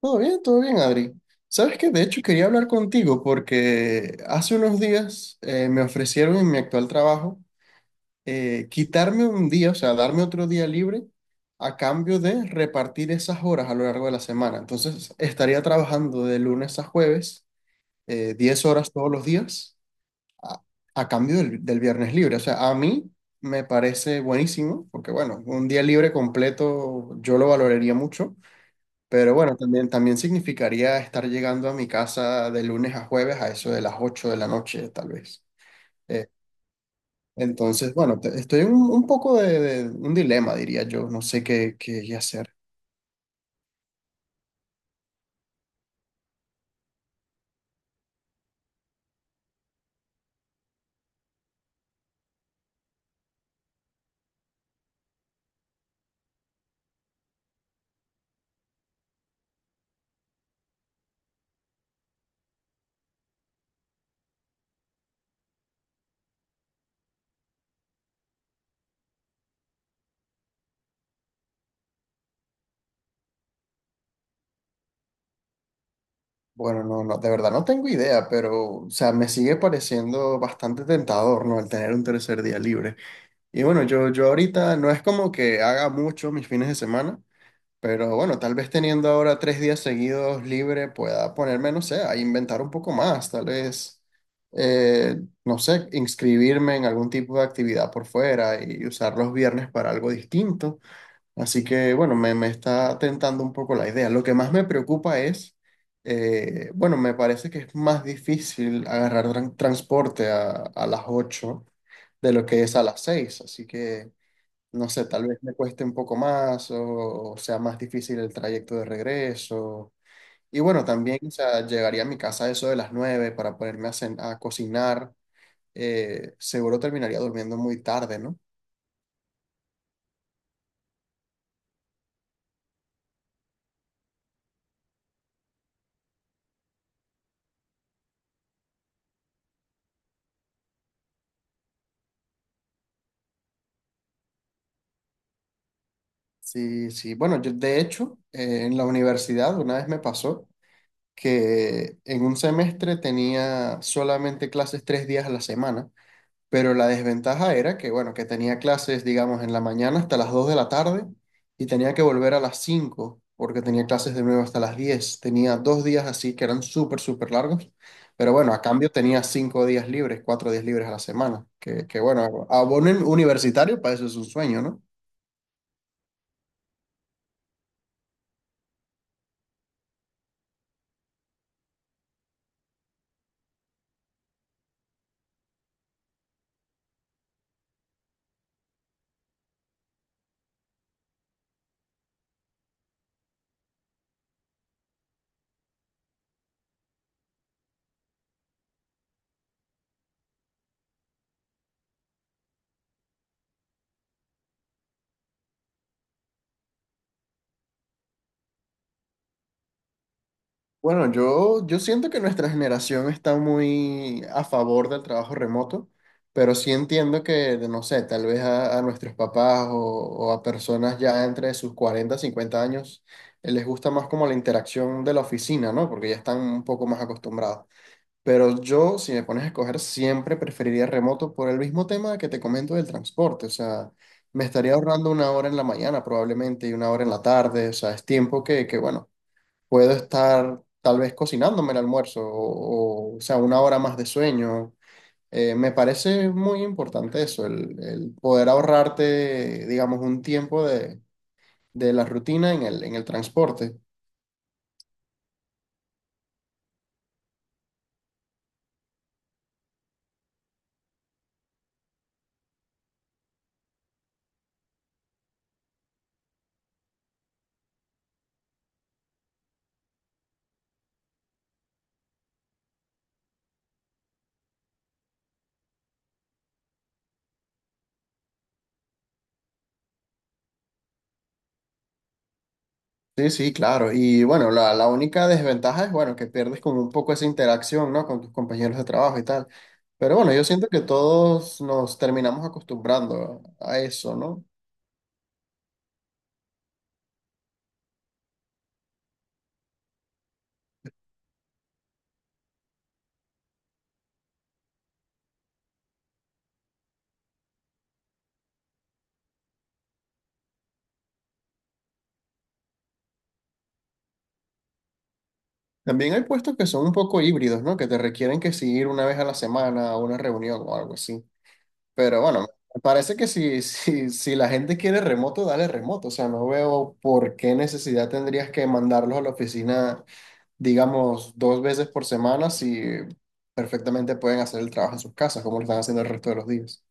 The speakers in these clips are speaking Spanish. Todo bien, Adri. Sabes que de hecho quería hablar contigo porque hace unos días me ofrecieron en mi actual trabajo quitarme un día, o sea, darme otro día libre a cambio de repartir esas horas a lo largo de la semana. Entonces estaría trabajando de lunes a jueves, 10 horas todos los días a, a cambio del viernes libre. O sea, a mí me parece buenísimo porque, bueno, un día libre completo yo lo valoraría mucho. Pero bueno, también, también significaría estar llegando a mi casa de lunes a jueves a eso de las 8 de la noche, tal vez. Eh, entonces, bueno, estoy en un poco de un dilema, diría yo. No sé qué, qué hacer. Bueno, no, no, de verdad no tengo idea, pero, o sea, me sigue pareciendo bastante tentador, ¿no? El tener un tercer día libre. Y bueno, yo ahorita no es como que haga mucho mis fines de semana. Pero bueno, tal vez teniendo ahora tres días seguidos libre pueda ponerme, no sé, a inventar un poco más, tal vez, eh, no sé, inscribirme en algún tipo de actividad por fuera y usar los viernes para algo distinto. Así que bueno, me está tentando un poco la idea. Lo que más me preocupa es, bueno, me parece que es más difícil agarrar transporte a las 8 de lo que es a las 6 así que no sé, tal vez me cueste un poco más o sea más difícil el trayecto de regreso. Y bueno, también, o sea, llegaría a mi casa a eso de las nueve para ponerme a, a cocinar. Seguro terminaría durmiendo muy tarde, ¿no? Sí, sí. Bueno, yo de hecho, en la universidad una vez me pasó que en un semestre tenía solamente clases tres días a la semana. Pero la desventaja era que, bueno, que tenía clases, digamos, en la mañana hasta las 2 de la tarde y tenía que volver a las 5 porque tenía clases de nuevo hasta las diez. Tenía dos días así que eran súper, súper largos. Pero bueno, a cambio tenía cinco días libres, cuatro días libres a la semana. Que bueno, abonen universitario para eso es un sueño, ¿no? Bueno, yo siento que nuestra generación está muy a favor del trabajo remoto, pero sí entiendo que, no sé, tal vez a nuestros papás o a personas ya entre sus 40 50 años, les gusta más como la interacción de la oficina, ¿no? Porque ya están un poco más acostumbrados. Pero yo, si me pones a escoger, siempre preferiría remoto por el mismo tema que te comento del transporte. O sea, me estaría ahorrando una hora en la mañana probablemente y una hora en la tarde. O sea, es tiempo que bueno puedo estar tal vez cocinándome el almuerzo o sea, una hora más de sueño. Me parece muy importante eso, el poder ahorrarte, digamos, un tiempo de la rutina en en el transporte. Sí, sí, claro. Y bueno, la única desventaja es, bueno, que pierdes como un poco esa interacción, ¿no? Con tus compañeros de trabajo y tal. Pero bueno, yo siento que todos nos terminamos acostumbrando a eso, ¿no? También hay puestos que son un poco híbridos, ¿no? Que te requieren que sí ir una vez a la semana a una reunión o algo así. Pero bueno, me parece que si, si, si la gente quiere remoto, dale remoto. O sea, no veo por qué necesidad tendrías que mandarlos a la oficina, digamos, dos veces por semana si perfectamente pueden hacer el trabajo en sus casas, como lo están haciendo el resto de los días.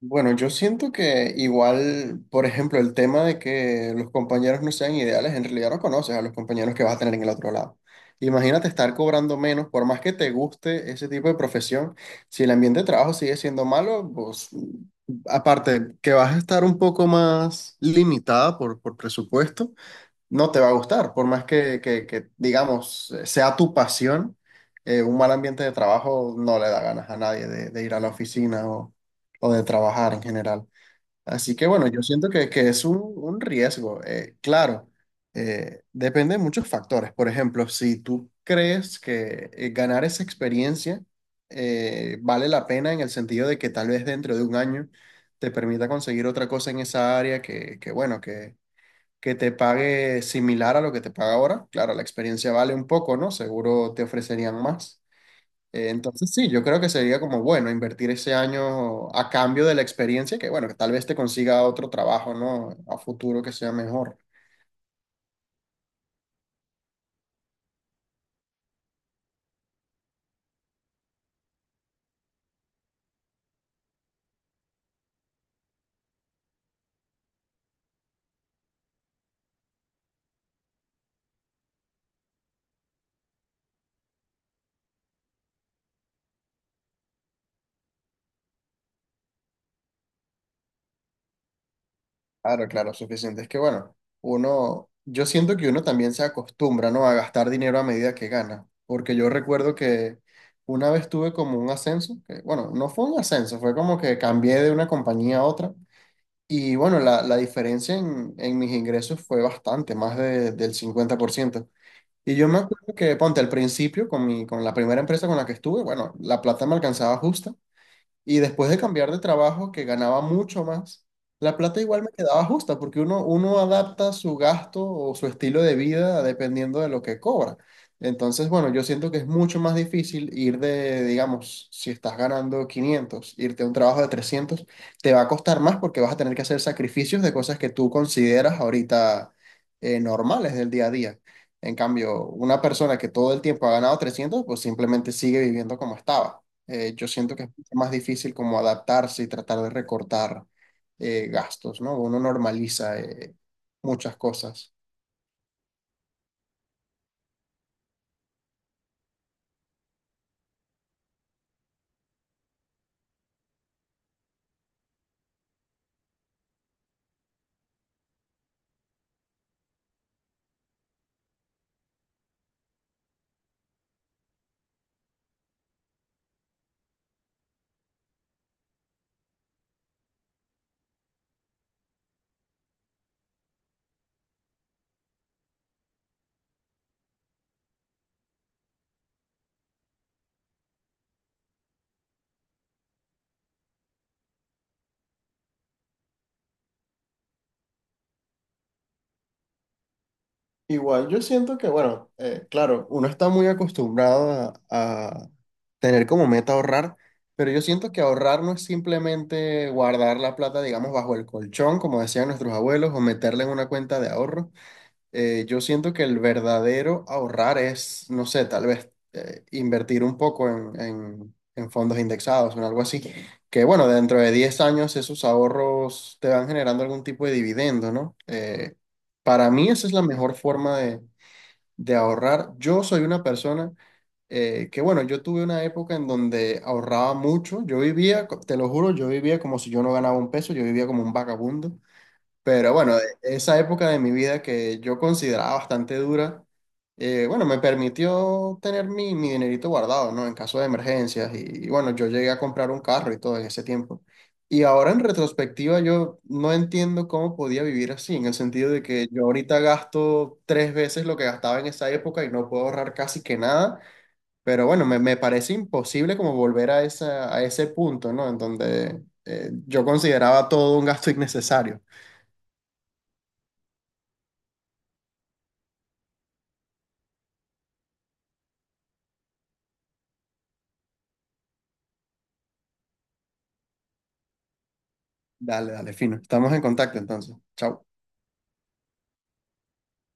Bueno, yo siento que igual, por ejemplo, el tema de que los compañeros no sean ideales, en realidad no conoces a los compañeros que vas a tener en el otro lado. Imagínate estar cobrando menos, por más que te guste ese tipo de profesión, si el ambiente de trabajo sigue siendo malo, pues aparte que vas a estar un poco más limitada por presupuesto no te va a gustar, por más que, que, digamos, sea tu pasión, un mal ambiente de trabajo no le da ganas a nadie de, de ir a la oficina o de trabajar en general. Así que bueno, yo siento que es un riesgo. Claro, depende de muchos factores. Por ejemplo, si tú crees que ganar esa experiencia vale la pena en el sentido de que tal vez dentro de un año te permita conseguir otra cosa en esa área que bueno, que te pague similar a lo que te paga ahora. Claro, la experiencia vale un poco, ¿no? Seguro te ofrecerían más. Entonces, sí, yo creo que sería como bueno invertir ese año a cambio de la experiencia, que bueno, que tal vez te consiga otro trabajo, ¿no? A futuro que sea mejor. Claro, claro, suficiente. Es que bueno, uno, yo siento que uno también se acostumbra, ¿no? A gastar dinero a medida que gana, porque yo recuerdo que... Una vez tuve como un ascenso, que bueno, no fue un ascenso, fue como que cambié de una compañía a otra. Y bueno, la diferencia en mis ingresos fue bastante, más del cincuenta por ciento. Y yo me acuerdo que, ponte, al principio, con mi, con la primera empresa con la que estuve, bueno, la plata me alcanzaba justa, y después de cambiar de trabajo, que ganaba mucho más, la plata igual me quedaba justa, porque uno, uno adapta su gasto o su estilo de vida dependiendo de lo que cobra. Entonces, bueno, yo siento que es mucho más difícil ir de, digamos, si estás ganando 500 irte a un trabajo de 300 te va a costar más porque vas a tener que hacer sacrificios de cosas que tú consideras ahorita normales del día a día. En cambio, una persona que todo el tiempo ha ganado 300 pues simplemente sigue viviendo como estaba. Yo siento que es más difícil como adaptarse y tratar de recortar gastos, ¿no? Uno normaliza muchas cosas. Igual, yo siento que, bueno, claro, uno está muy acostumbrado a tener como meta ahorrar, pero yo siento que ahorrar no es simplemente guardar la plata, digamos, bajo el colchón, como decían nuestros abuelos, o meterla en una cuenta de ahorro. Yo siento que el verdadero ahorrar es, no sé, tal vez invertir un poco en, en fondos indexados o en algo así. Que bueno, dentro de 10 años esos ahorros te van generando algún tipo de dividendo, ¿no? Para mí esa es la mejor forma de ahorrar. Yo soy una persona que bueno, yo tuve una época en donde ahorraba mucho. Yo vivía, te lo juro, yo vivía como si yo no ganaba un peso, yo vivía como un vagabundo. Pero bueno, esa época de mi vida que yo consideraba bastante dura, bueno, me permitió tener mi, mi dinerito guardado, ¿no? En caso de emergencias. Y bueno, yo llegué a comprar un carro y todo en ese tiempo. Y ahora en retrospectiva yo no entiendo cómo podía vivir así, en el sentido de que yo ahorita gasto tres veces lo que gastaba en esa época y no puedo ahorrar casi que nada. Pero bueno, me parece imposible como volver a, esa, a ese punto, ¿no? En donde yo consideraba todo un gasto innecesario. Dale, dale, fino. Estamos en contacto entonces. Chao.